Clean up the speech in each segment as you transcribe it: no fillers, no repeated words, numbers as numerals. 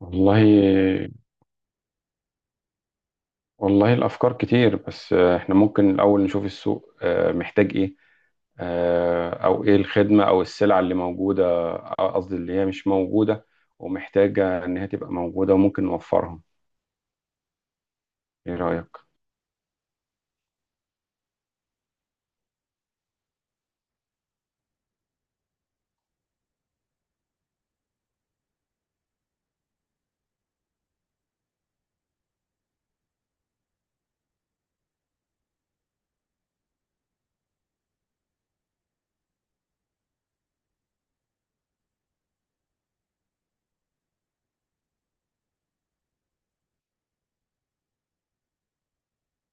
والله والله، الأفكار كتير. بس إحنا ممكن الأول نشوف السوق محتاج إيه. أو إيه الخدمة أو السلعة اللي موجودة. قصدي اللي هي مش موجودة ومحتاجة إن هي تبقى موجودة وممكن نوفرها. إيه رأيك؟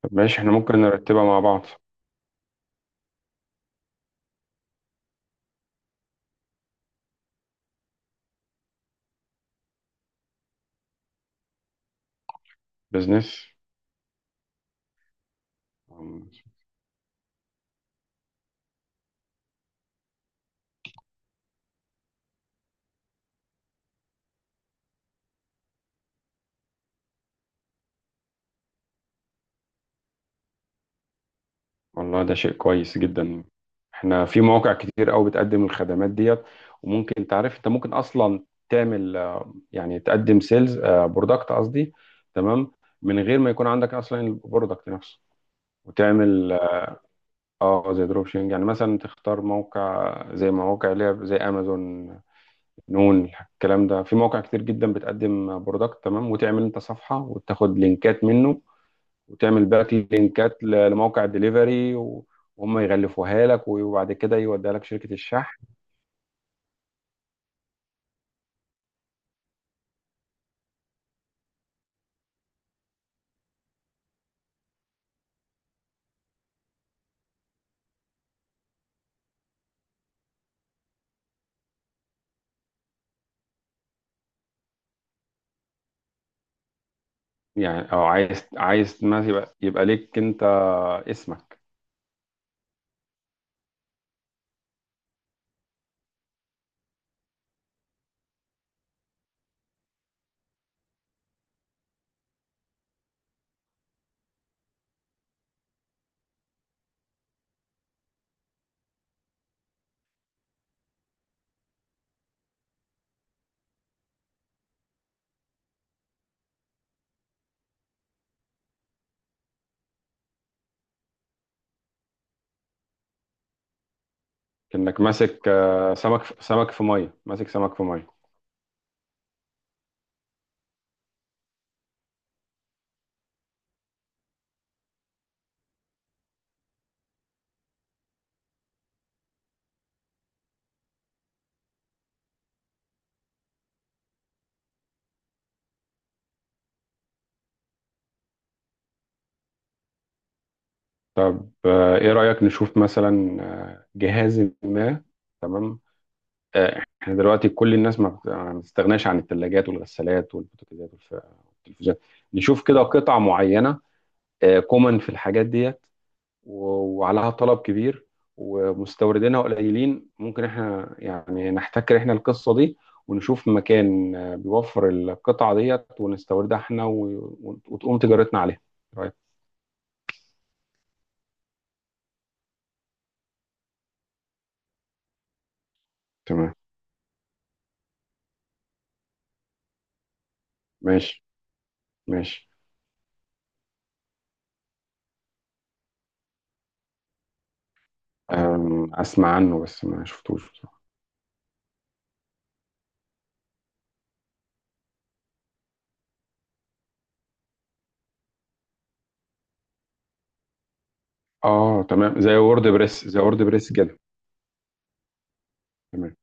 طب ماشي، إحنا ممكن نرتبها مع بعض. بيزنس. والله ده شيء كويس جدا. إحنا في مواقع كتير أوي بتقدم الخدمات ديت. وممكن تعرف أنت ممكن أصلا تعمل، يعني تقدم سيلز، برودكت قصدي. تمام. من غير ما يكون عندك اصلا البرودكت نفسه. وتعمل زي دروب شيبنج، يعني مثلا تختار موقع زي مواقع اللي هي زي امازون، نون. الكلام ده في مواقع كتير جدا بتقدم برودكت. تمام. وتعمل انت صفحة وتاخد لينكات منه وتعمل باك لينكات لموقع الدليفري وهم يغلفوها لك وبعد كده يوديها لك شركة الشحن. يعني او عايز ما يبقى ليك انت اسمك. كأنك ماسك سمك سمك في ميه، ماسك سمك في ميه. فايه رأيك نشوف مثلا جهاز ما. تمام. احنا دلوقتي كل الناس ما بتستغناش عن الثلاجات والغسالات والبوتاجازات والتلفزيونات. نشوف كده قطع معينة كومن في الحاجات ديت وعليها طلب كبير ومستوردينها قليلين. ممكن احنا يعني نحتكر احنا القصة دي ونشوف مكان بيوفر القطعة ديت ونستوردها احنا وتقوم تجارتنا عليها. تمام. ماشي، ماشي. اسمع عنه بس ما شفتوش بصراحة. اه تمام، زي وورد بريس كده. تمام،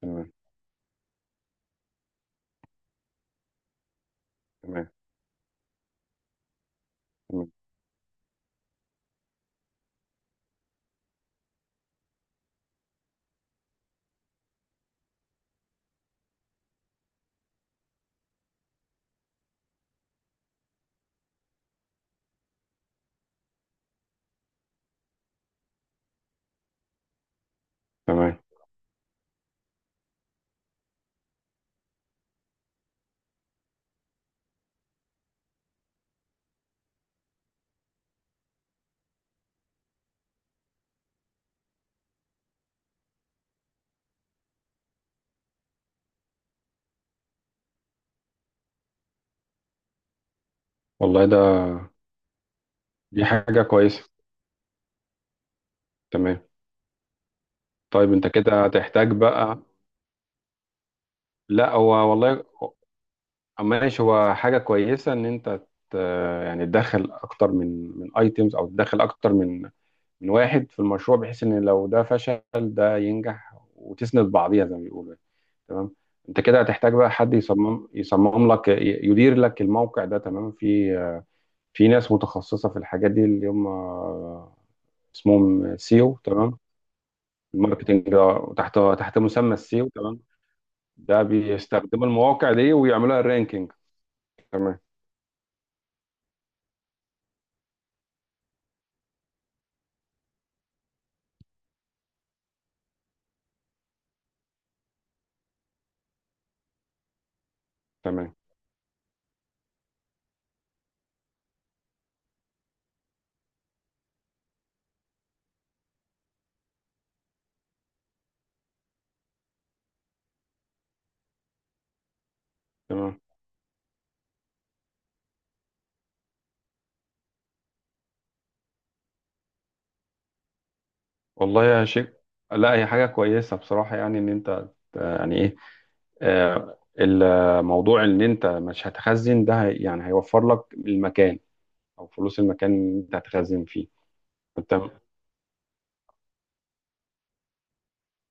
تمام، تمام، تمام، تمام. والله ده دي حاجة كويسة. تمام. طيب انت كده هتحتاج بقى. لا، هو والله ماشي، هو حاجة كويسة ان انت ت- يعني تدخل اكتر من ايتمز او تدخل اكتر من واحد في المشروع بحيث ان لو ده فشل ده ينجح وتسند بعضيها زي ما بيقولوا يعني. تمام. انت كده هتحتاج بقى حد يصمم، يدير لك الموقع ده. تمام. في ناس متخصصه في الحاجات دي اللي هم اسمهم سيو. تمام. الماركتنج ده تحت مسمى السيو. تمام. ده بيستخدموا المواقع دي ويعملوها رانكينج. تمام، تمام، تمام. والله يا شيخ، لا هي حاجه كويسه بصراحه، يعني ان انت يعني ايه، الموضوع ان انت مش هتخزن ده يعني هيوفر لك المكان او فلوس المكان اللي انت هتخزن فيه. انت.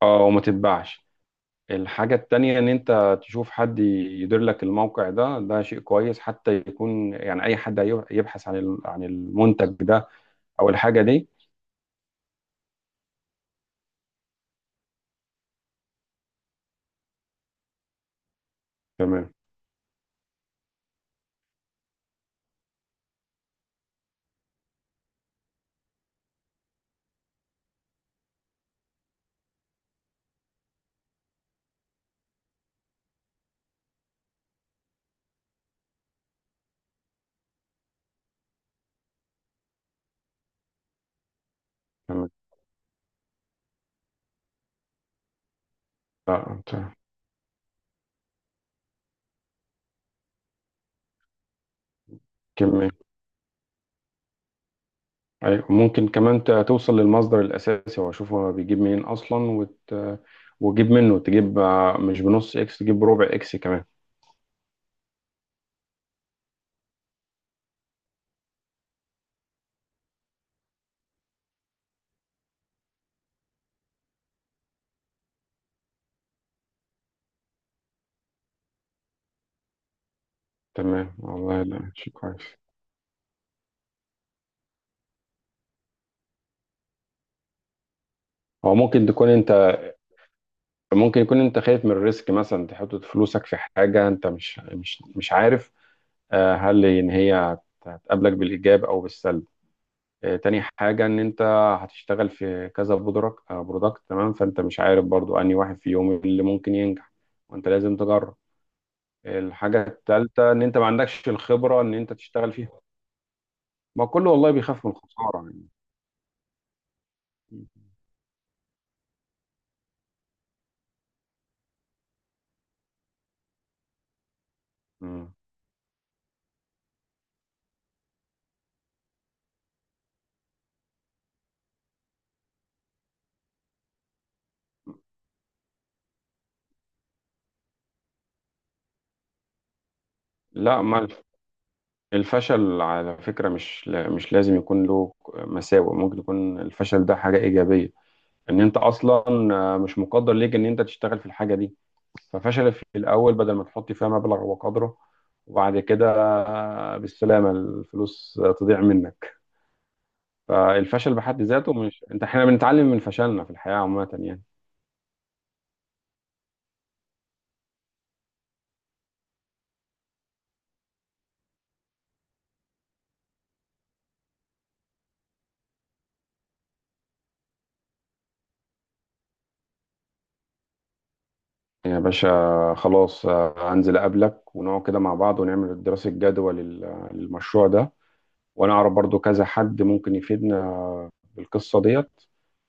اه وما تتباعش. الحاجة التانية ان انت تشوف حد يدير لك الموقع ده، ده شيء كويس حتى يكون يعني اي حد يبحث عن عن المنتج ده او الحاجة دي. تمام. تمام. آه، أنت- كم- أيوة. ممكن كمان توصل للمصدر الأساسي وأشوف هو بيجيب منين أصلا وجيب منه، تجيب مش بنص إكس، تجيب بربع إكس كمان. تمام. والله لا، شيء كويس. هو ممكن تكون أنت ممكن يكون أنت خايف من الريسك، مثلا تحط فلوسك في حاجة أنت مش عارف هل إن هي هتقابلك بالإيجاب أو بالسلب. تاني حاجة إن أنت هتشتغل في كذا برودكت برودكت، تمام، فأنت مش عارف برضو أنهي واحد فيهم اللي ممكن ينجح، وأنت لازم تجرب. الحاجة التالتة إن أنت ما عندكش الخبرة إن أنت تشتغل فيها. ما كله والله بيخاف من الخسارة يعني. مم. لا، ما الف- الفشل على فكرة مش مش لازم يكون له مساوئ. ممكن يكون الفشل ده حاجة إيجابية، إن أنت أصلا مش مقدر ليك إن أنت تشتغل في الحاجة دي. ففشل في الأول بدل ما تحط فيها مبلغ وقدره وبعد كده بالسلامة الفلوس تضيع منك. فالفشل بحد ذاته مش أنت، إحنا بنتعلم من فشلنا في الحياة عامة يعني. يا باشا خلاص، هنزل أقابلك ونقعد كده مع بعض ونعمل دراسة جدوى للمشروع ده. وأنا أعرف برضو كذا حد ممكن يفيدنا بالقصة ديت،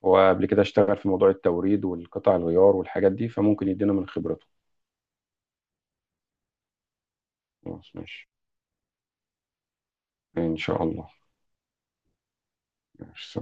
وقبل كده اشتغل في موضوع التوريد والقطع الغيار والحاجات دي فممكن يدينا من خبرته. خلاص ماشي. إن شاء الله. ماشي.